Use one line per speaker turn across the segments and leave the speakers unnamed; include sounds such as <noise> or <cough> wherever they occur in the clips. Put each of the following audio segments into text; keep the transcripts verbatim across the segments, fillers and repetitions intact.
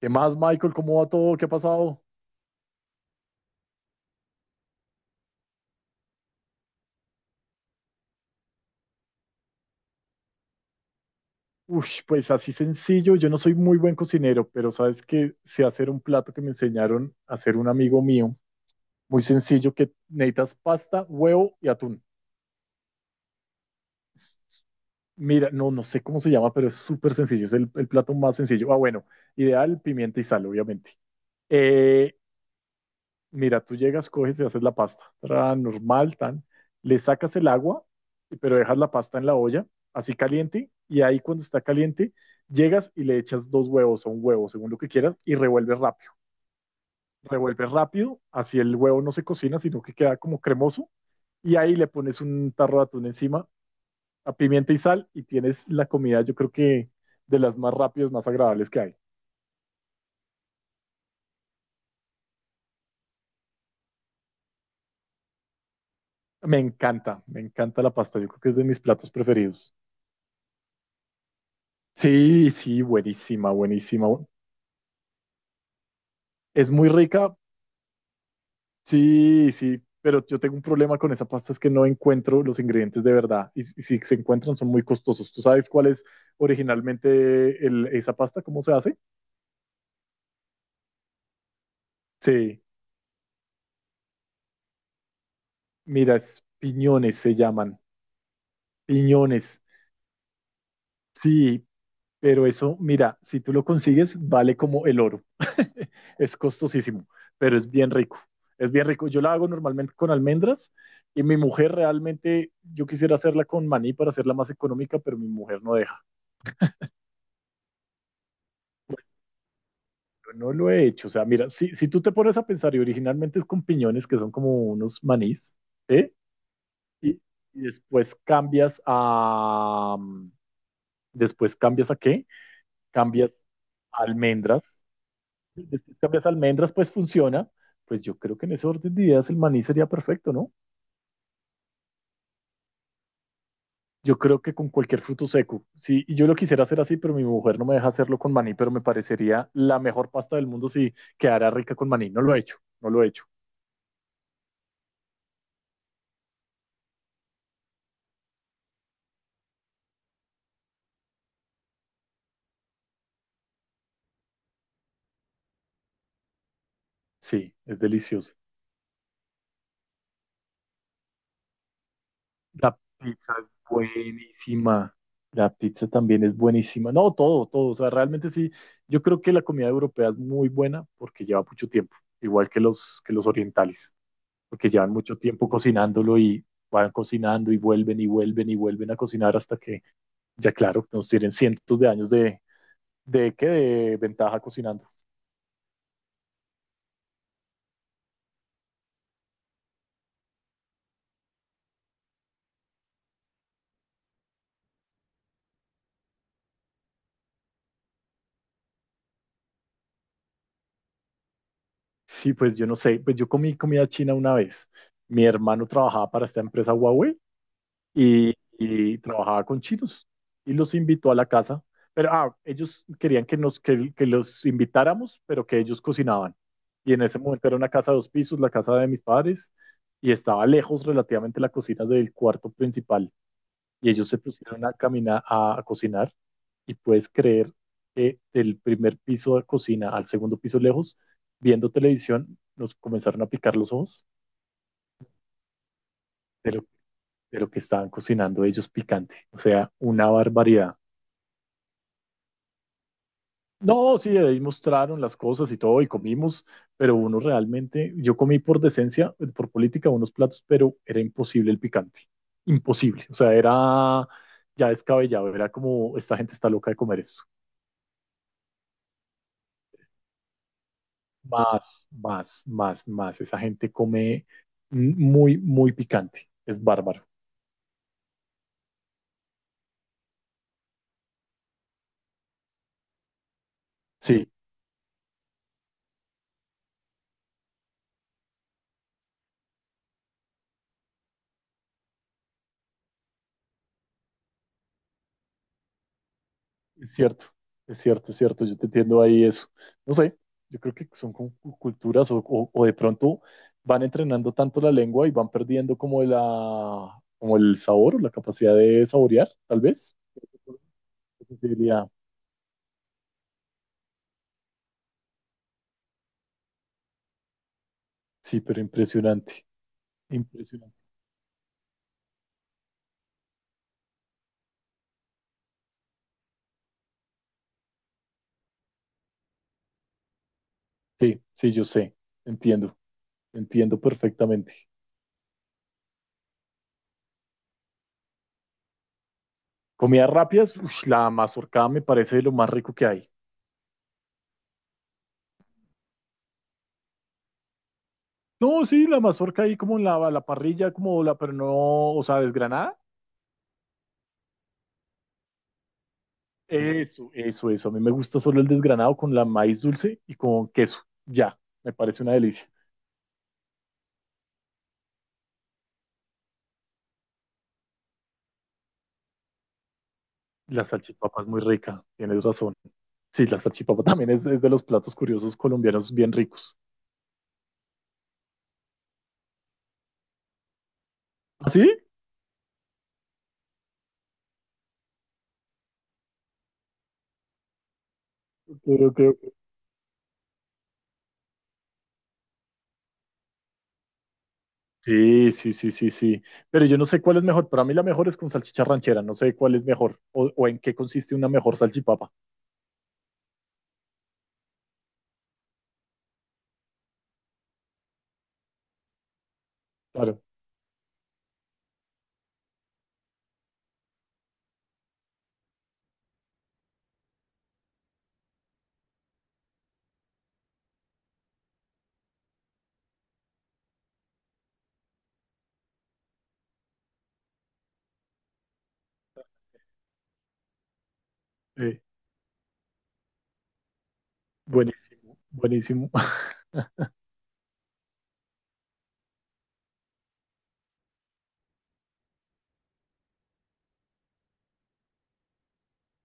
¿Qué más, Michael? ¿Cómo va todo? ¿Qué ha pasado? Ush, pues así sencillo, yo no soy muy buen cocinero, pero sabes que sé hacer un plato que me enseñaron a hacer un amigo mío, muy sencillo, que necesitas pasta, huevo y atún. S- Mira, no, no sé cómo se llama, pero es súper sencillo, es el, el plato más sencillo. Ah, bueno, ideal, pimienta y sal, obviamente. Eh, Mira, tú llegas, coges y haces la pasta. Tra, normal, tan. Le sacas el agua, y- pero dejas la pasta en la olla, así caliente. Y ahí cuando está caliente, llegas y le echas dos huevos o un huevo, según lo que quieras, y revuelves rápido. Revuelves rápido, así el huevo no se cocina, sino que queda como cremoso. Y ahí le pones un tarro de atún encima, a pimienta y sal, y tienes la comida, yo creo que de las más rápidas, más agradables que hay. Me encanta, me encanta la pasta. Yo creo que es de mis platos preferidos. Sí, sí, buenísima, buenísima. bu- Es muy rica, sí, sí, pero yo tengo un problema con esa pasta, es que no encuentro los ingredientes de verdad y, s- y si se encuentran son muy costosos. ¿Tú sabes cuál es originalmente el- esa pasta? ¿Cómo se hace? Sí, mira, es piñones se llaman, piñones. Sí, pero eso, mira, si tú lo consigues, vale como el oro. <laughs> Es costosísimo, pero es bien rico. Es bien rico. Yo la hago normalmente con almendras y mi mujer realmente, yo quisiera hacerla con maní para hacerla más económica, pero mi mujer no deja. No lo he hecho. O sea, mira, si, si tú te pones a pensar y originalmente es con piñones que son como unos manís, ¿eh? Y, y después cambias a... mm, ¿Después cambias a qué? Cambias a almendras. Después cambias a almendras, pues funciona. Pues yo creo que en ese orden de ideas el maní sería perfecto, ¿no? Yo creo que con cualquier fruto seco, sí, y yo lo quisiera hacer así, pero mi mujer no me deja hacerlo con maní, pero me parecería la mejor pasta del mundo si quedara rica con maní. No lo he hecho, no lo he hecho. Sí, es delicioso. La pizza es buenísima. La pizza también es buenísima. No, todo, todo. O sea, realmente sí. Yo creo que la comida europea es muy buena porque lleva mucho tiempo, igual que los, que los orientales, porque llevan mucho tiempo cocinándolo y van cocinando y vuelven y vuelven y vuelven a cocinar hasta que, ya claro, nos tienen cientos de años de, de, ¿qué? De ventaja cocinando. Sí, pues yo no sé. Pues yo comí comida china una vez. Mi hermano trabajaba para esta empresa Huawei. y, y trabajaba con chinos y los invitó a la casa. Pero ah, ellos querían que, nos, que, que los invitáramos, pero que ellos cocinaban. Y en ese momento era una casa de dos pisos, la casa de mis padres, y estaba lejos relativamente la cocina del cuarto principal. Y ellos se pusieron a caminar, a, a cocinar, y puedes creer que del primer piso de cocina al segundo piso lejos, viendo televisión, nos comenzaron a picar los ojos de lo, de lo que estaban cocinando ellos picante. O sea, una barbaridad. No, sí, ahí mostraron las cosas y todo, y comimos, pero uno realmente, yo comí por decencia, por política, unos platos, pero era imposible el picante, imposible, o sea, era ya descabellado, era como, esta gente está loca de comer eso, más, más, más, más, esa gente come muy, muy picante, es bárbaro, sí. Es cierto, es cierto, es cierto, yo te entiendo ahí eso. No sé, yo creo que son como cu- culturas o, o- o de pronto van entrenando tanto la lengua y van perdiendo como la, como el sabor o la capacidad de saborear, tal vez. La sería. Sí, pero impresionante, impresionante. Sí, sí, yo sé, entiendo, entiendo perfectamente. Comidas rápidas, ush, la mazorca me parece lo más rico que hay. No, sí, la mazorca ahí como en la, la parrilla, como la, pero no, o sea, desgranada. Eso, eso, eso. A mí me gusta solo el desgranado con la maíz dulce y con queso. Ya, me parece una delicia. La salchipapa es muy rica, tienes razón. Sí, la salchipapa también es, es de los platos curiosos colombianos bien ricos. ¿Ah, sí? Ok, ok, ok. Sí, sí, sí, sí, sí. Pero yo no sé cuál es mejor. Para mí la mejor es con salchicha ranchera. No sé cuál es mejor o, o en qué consiste una mejor salchipapa. Claro. eh, Buenísimo, buenísimo.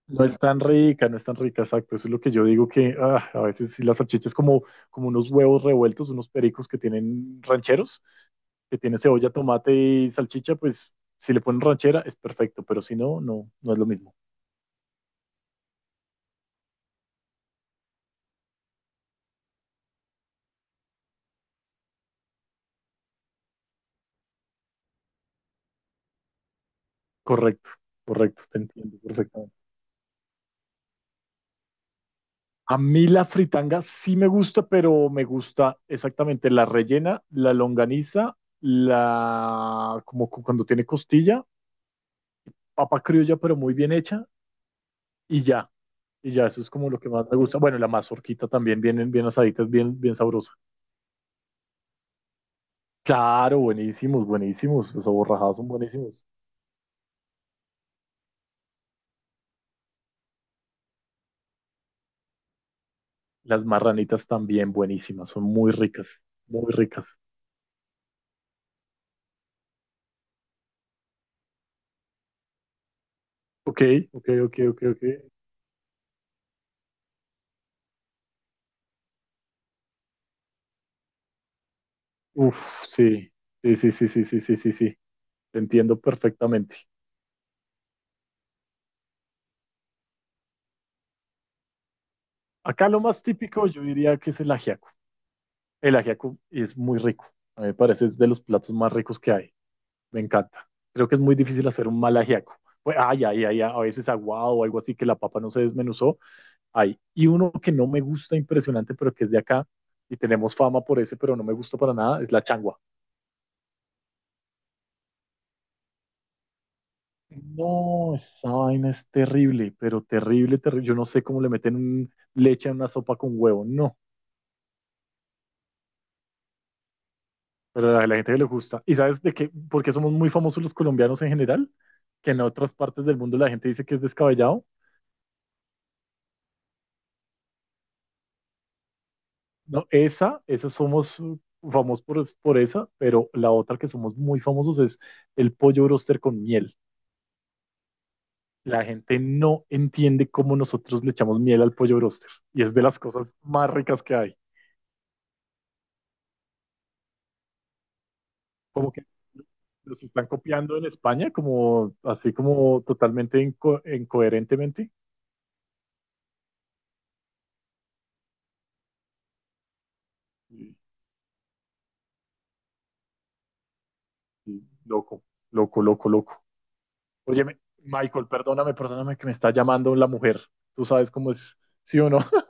No es tan rica, no es tan rica, exacto. Eso es lo que yo digo que ah, a veces sí las salchichas como, como unos huevos revueltos, unos pericos que tienen rancheros, que tiene cebolla, tomate y salchicha, pues si le ponen ranchera es perfecto, pero si no, no, no es lo mismo. Correcto, correcto, te entiendo perfectamente. A mí la fritanga sí me gusta, pero me gusta exactamente la rellena, la longaniza, la como cu- cuando tiene costilla, papa criolla, pero muy bien hecha, y ya. Y ya eso es como lo que más me gusta. Bueno, la mazorquita también, bien, bien asaditas, bien, bien sabrosa. Claro, buenísimos, buenísimos. Los aborrajados son buenísimos. Las marranitas también buenísimas, son muy ricas, muy ricas. Ok, ok, ok, ok, ok. Uf, sí, sí, sí, sí, sí, sí, sí, sí, sí. Te entiendo perfectamente. Acá lo más típico yo diría que es el ajiaco. El ajiaco es muy rico. A mí me parece es de los platos más ricos que hay. Me encanta. Creo que es muy difícil hacer un mal ajiaco. Pues, ay, ay, ay, a veces aguado o algo así que la papa no se desmenuzó. Ay. Y uno que no me gusta impresionante, pero que es de acá y tenemos fama por ese, pero no me gusta para nada, es la changua. No, esa vaina es terrible, pero terrible, terrible. Yo no sé cómo le meten un- leche a una sopa con huevo. No, pero a la gente que le gusta. ¿Y sabes de qué? ¿Por qué somos muy famosos los colombianos en general? Que en otras partes del mundo la gente dice que es descabellado. No, esa, esa somos uh, famosos por, por esa, pero la otra que somos muy famosos es el pollo broster con miel. La gente no entiende cómo nosotros le echamos miel al pollo broster y es de las cosas más ricas que hay. Como que los están copiando en España, como así como totalmente inco- incoherentemente. Y- y loco, loco, loco, loco. Oye, Michael, perdóname, perdóname que me está llamando la mujer. Tú sabes cómo es, ¿sí o no? <laughs>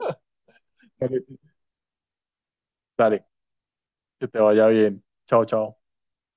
Dale, dale. Que te vaya bien. Chao, chao.